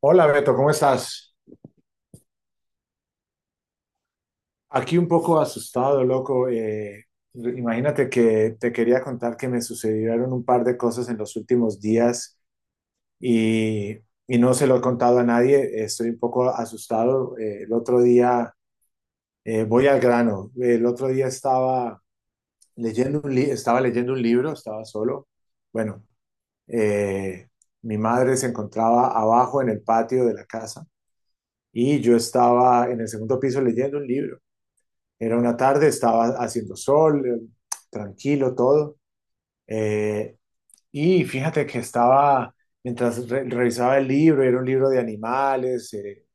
Hola Beto, ¿cómo estás? Aquí un poco asustado, loco. Imagínate que te quería contar que me sucedieron un par de cosas en los últimos días y, y no se lo he contado a nadie. Estoy un poco asustado. El otro día, voy al grano. El otro día estaba estaba leyendo un libro, estaba solo. Bueno, eh, mi madre se encontraba abajo en el patio de la casa y yo estaba en el segundo piso leyendo un libro. Era una tarde, estaba haciendo sol, tranquilo todo. Eh, y fíjate que mientras revisaba el libro, era un libro de animales,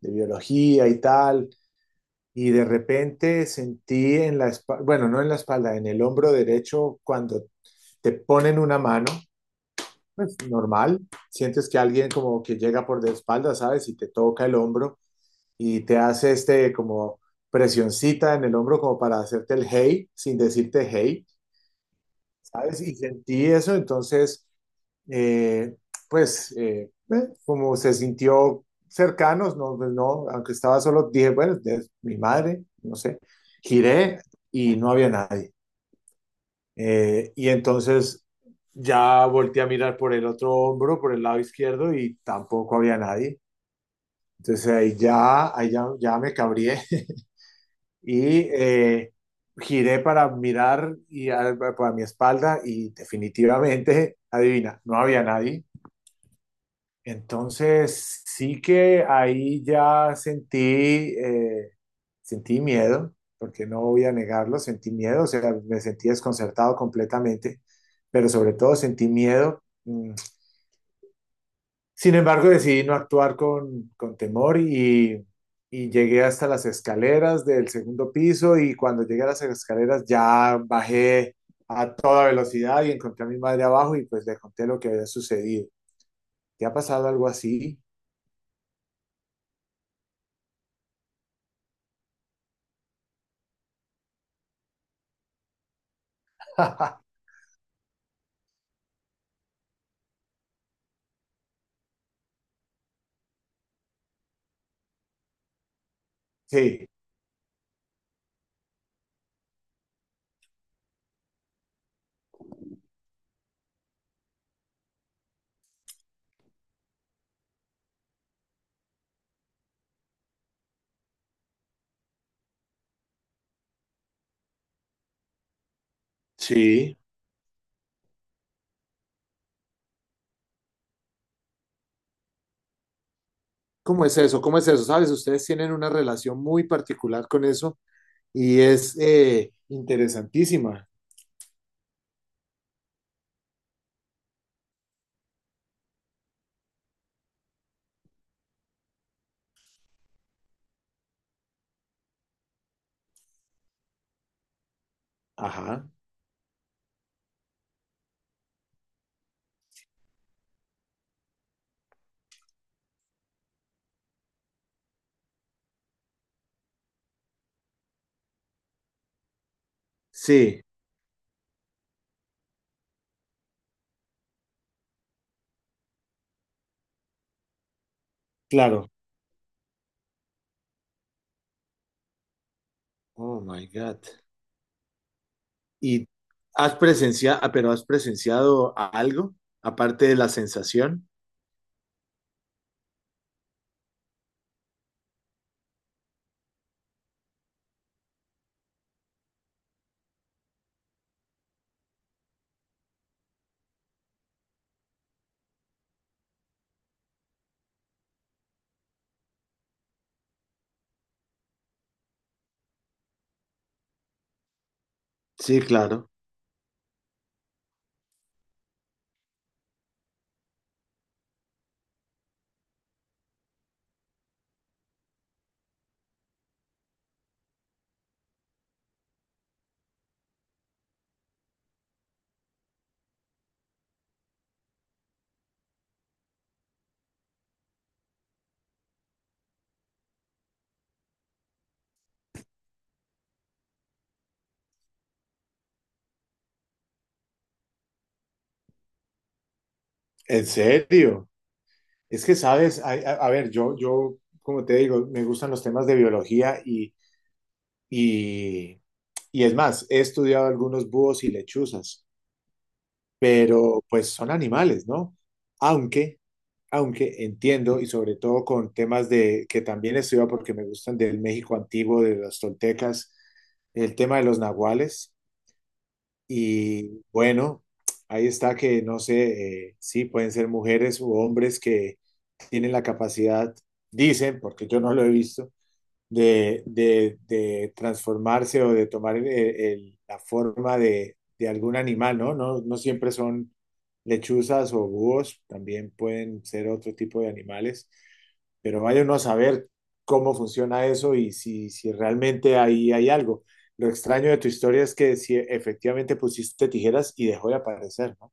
de biología y tal, y de repente sentí en la espalda, bueno, no en la espalda, en el hombro derecho, cuando te ponen una mano, pues normal, sientes que alguien como que llega por de espalda, ¿sabes? Y te toca el hombro. Y te hace este como presioncita en el hombro como para hacerte el hey sin decirte hey, ¿sabes? Y sentí eso, entonces, eh, pues, eh, eh, como se sintió cercanos, no, pues, no, aunque estaba solo, dije, bueno, es mi madre, no sé, giré y no había nadie. Y entonces ya volteé a mirar por el otro hombro, por el lado izquierdo, y tampoco había nadie. Entonces ahí ya, ya me cabrié. y eh, Giré para mirar para mi espalda y definitivamente, adivina, no había nadie. Entonces sí que ahí ya eh, sentí miedo, porque no voy a negarlo, sentí miedo, o sea, me sentí desconcertado completamente, pero sobre todo sentí miedo. Sin embargo, decidí no actuar con temor y llegué hasta las escaleras del segundo piso y cuando llegué a las escaleras ya bajé a toda velocidad y encontré a mi madre abajo y pues le conté lo que había sucedido. ¿Te ha pasado algo así? Sí. Sí. ¿Cómo es eso? ¿Cómo es eso? Sabes, ustedes tienen una relación muy particular con eso y es interesantísima. Ajá. Sí, claro. Oh my God. ¿Y has presenciado, pero has presenciado algo aparte de la sensación? Sí, claro. ¿En serio? Es que, sabes, ay, a ver, yo, como te digo, me gustan los temas de biología y, y es más, he estudiado algunos búhos y lechuzas, pero pues son animales, ¿no? Aunque... aunque entiendo, y sobre todo con temas de que también estudio porque me gustan del México antiguo, de los toltecas, el tema de los nahuales. Y bueno, ahí está que no sé, sí, pueden ser mujeres u hombres que tienen la capacidad, dicen, porque yo no lo he visto, de transformarse o de tomar la forma de algún animal, ¿no? No, no siempre son lechuzas o búhos, también pueden ser otro tipo de animales, pero vaya uno a saber cómo funciona eso y si, si realmente ahí hay algo. Lo extraño de tu historia es que si efectivamente pusiste tijeras y dejó de aparecer, ¿no?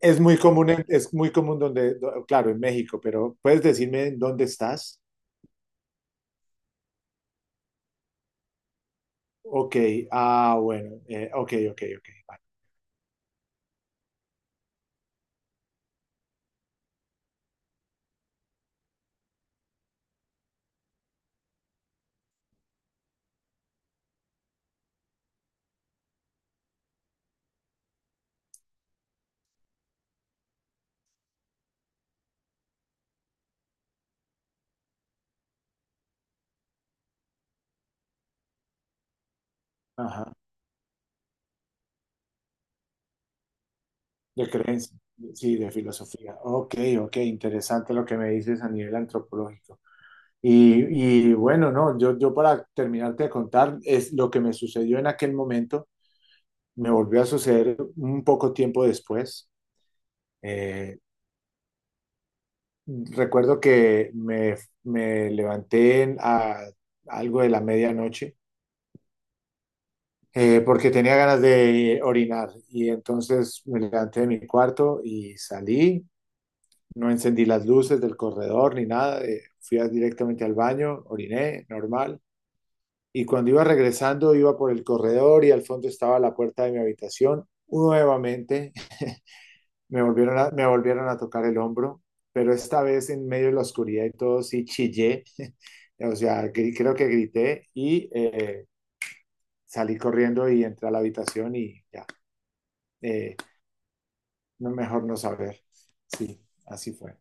Es muy común, es muy común donde, claro, en México, pero ¿puedes decirme en dónde estás? Ok, ah, bueno, ok, ok, ok. Ajá, de creencia, sí, de filosofía. Ok, ok, interesante lo que me dices a nivel antropológico. Y bueno, no, yo para terminarte de contar, es lo que me sucedió en aquel momento, me volvió a suceder un poco tiempo después. Eh, Recuerdo que me levanté a algo de la medianoche porque tenía ganas de orinar. Y entonces me levanté de mi cuarto y salí. No encendí las luces del corredor ni nada. Fui directamente al baño, oriné, normal. Y cuando iba regresando, iba por el corredor y al fondo estaba la puerta de mi habitación. Nuevamente me volvieron me volvieron a tocar el hombro, pero esta vez en medio de la oscuridad y todo sí chillé. O sea, creo que grité y salí corriendo y entré a la habitación y ya. Eh, no, mejor no saber. Sí, así fue.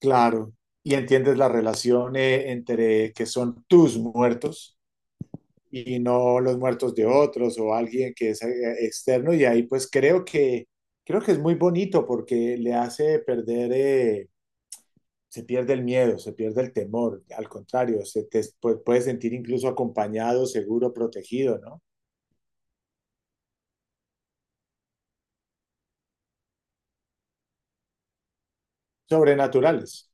Claro. Y entiendes la relación entre que son tus muertos y no los muertos de otros o alguien que es externo. Y ahí pues creo que es muy bonito porque le hace perder, se pierde el miedo, se pierde el temor. Al contrario, se te puedes sentir incluso acompañado, seguro, protegido, ¿no? Sobrenaturales.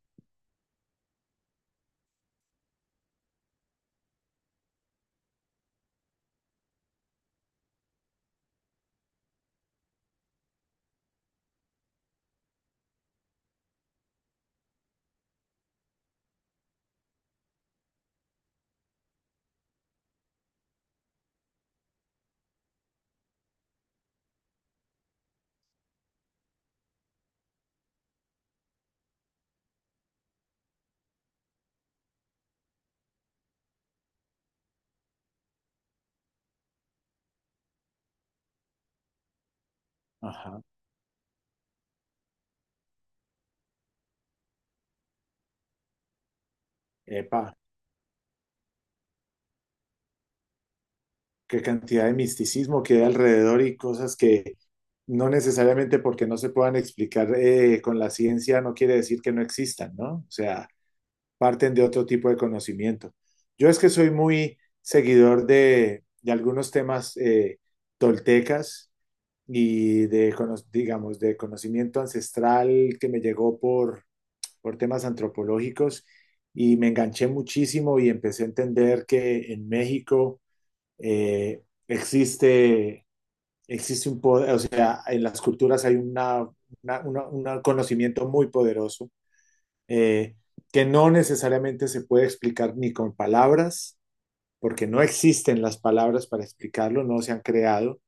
Ajá. Epa. Qué cantidad de misticismo que hay alrededor y cosas que no necesariamente porque no se puedan explicar con la ciencia no quiere decir que no existan, ¿no? O sea, parten de otro tipo de conocimiento. Yo es que soy muy seguidor de algunos temas toltecas y de, digamos, de conocimiento ancestral que me llegó por temas antropológicos y me enganché muchísimo y empecé a entender que en México eh, existe, existe un poder, o sea, en las culturas hay una- una- un conocimiento muy poderoso eh, que no necesariamente se puede explicar ni con palabras, porque no existen las palabras para explicarlo, no se han creado,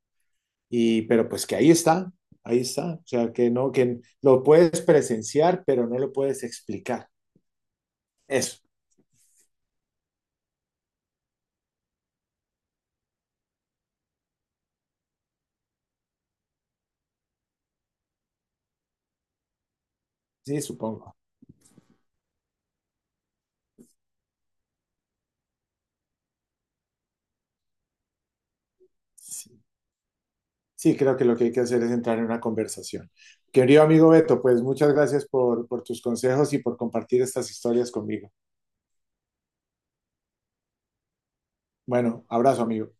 y, pero pues que ahí está, o sea, que no, que lo puedes presenciar, pero no lo puedes explicar. Eso, sí, supongo. Sí. Sí, creo que lo que hay que hacer es entrar en una conversación. Querido amigo Beto, pues muchas gracias por tus consejos y por compartir estas historias conmigo. Bueno, abrazo, amigo.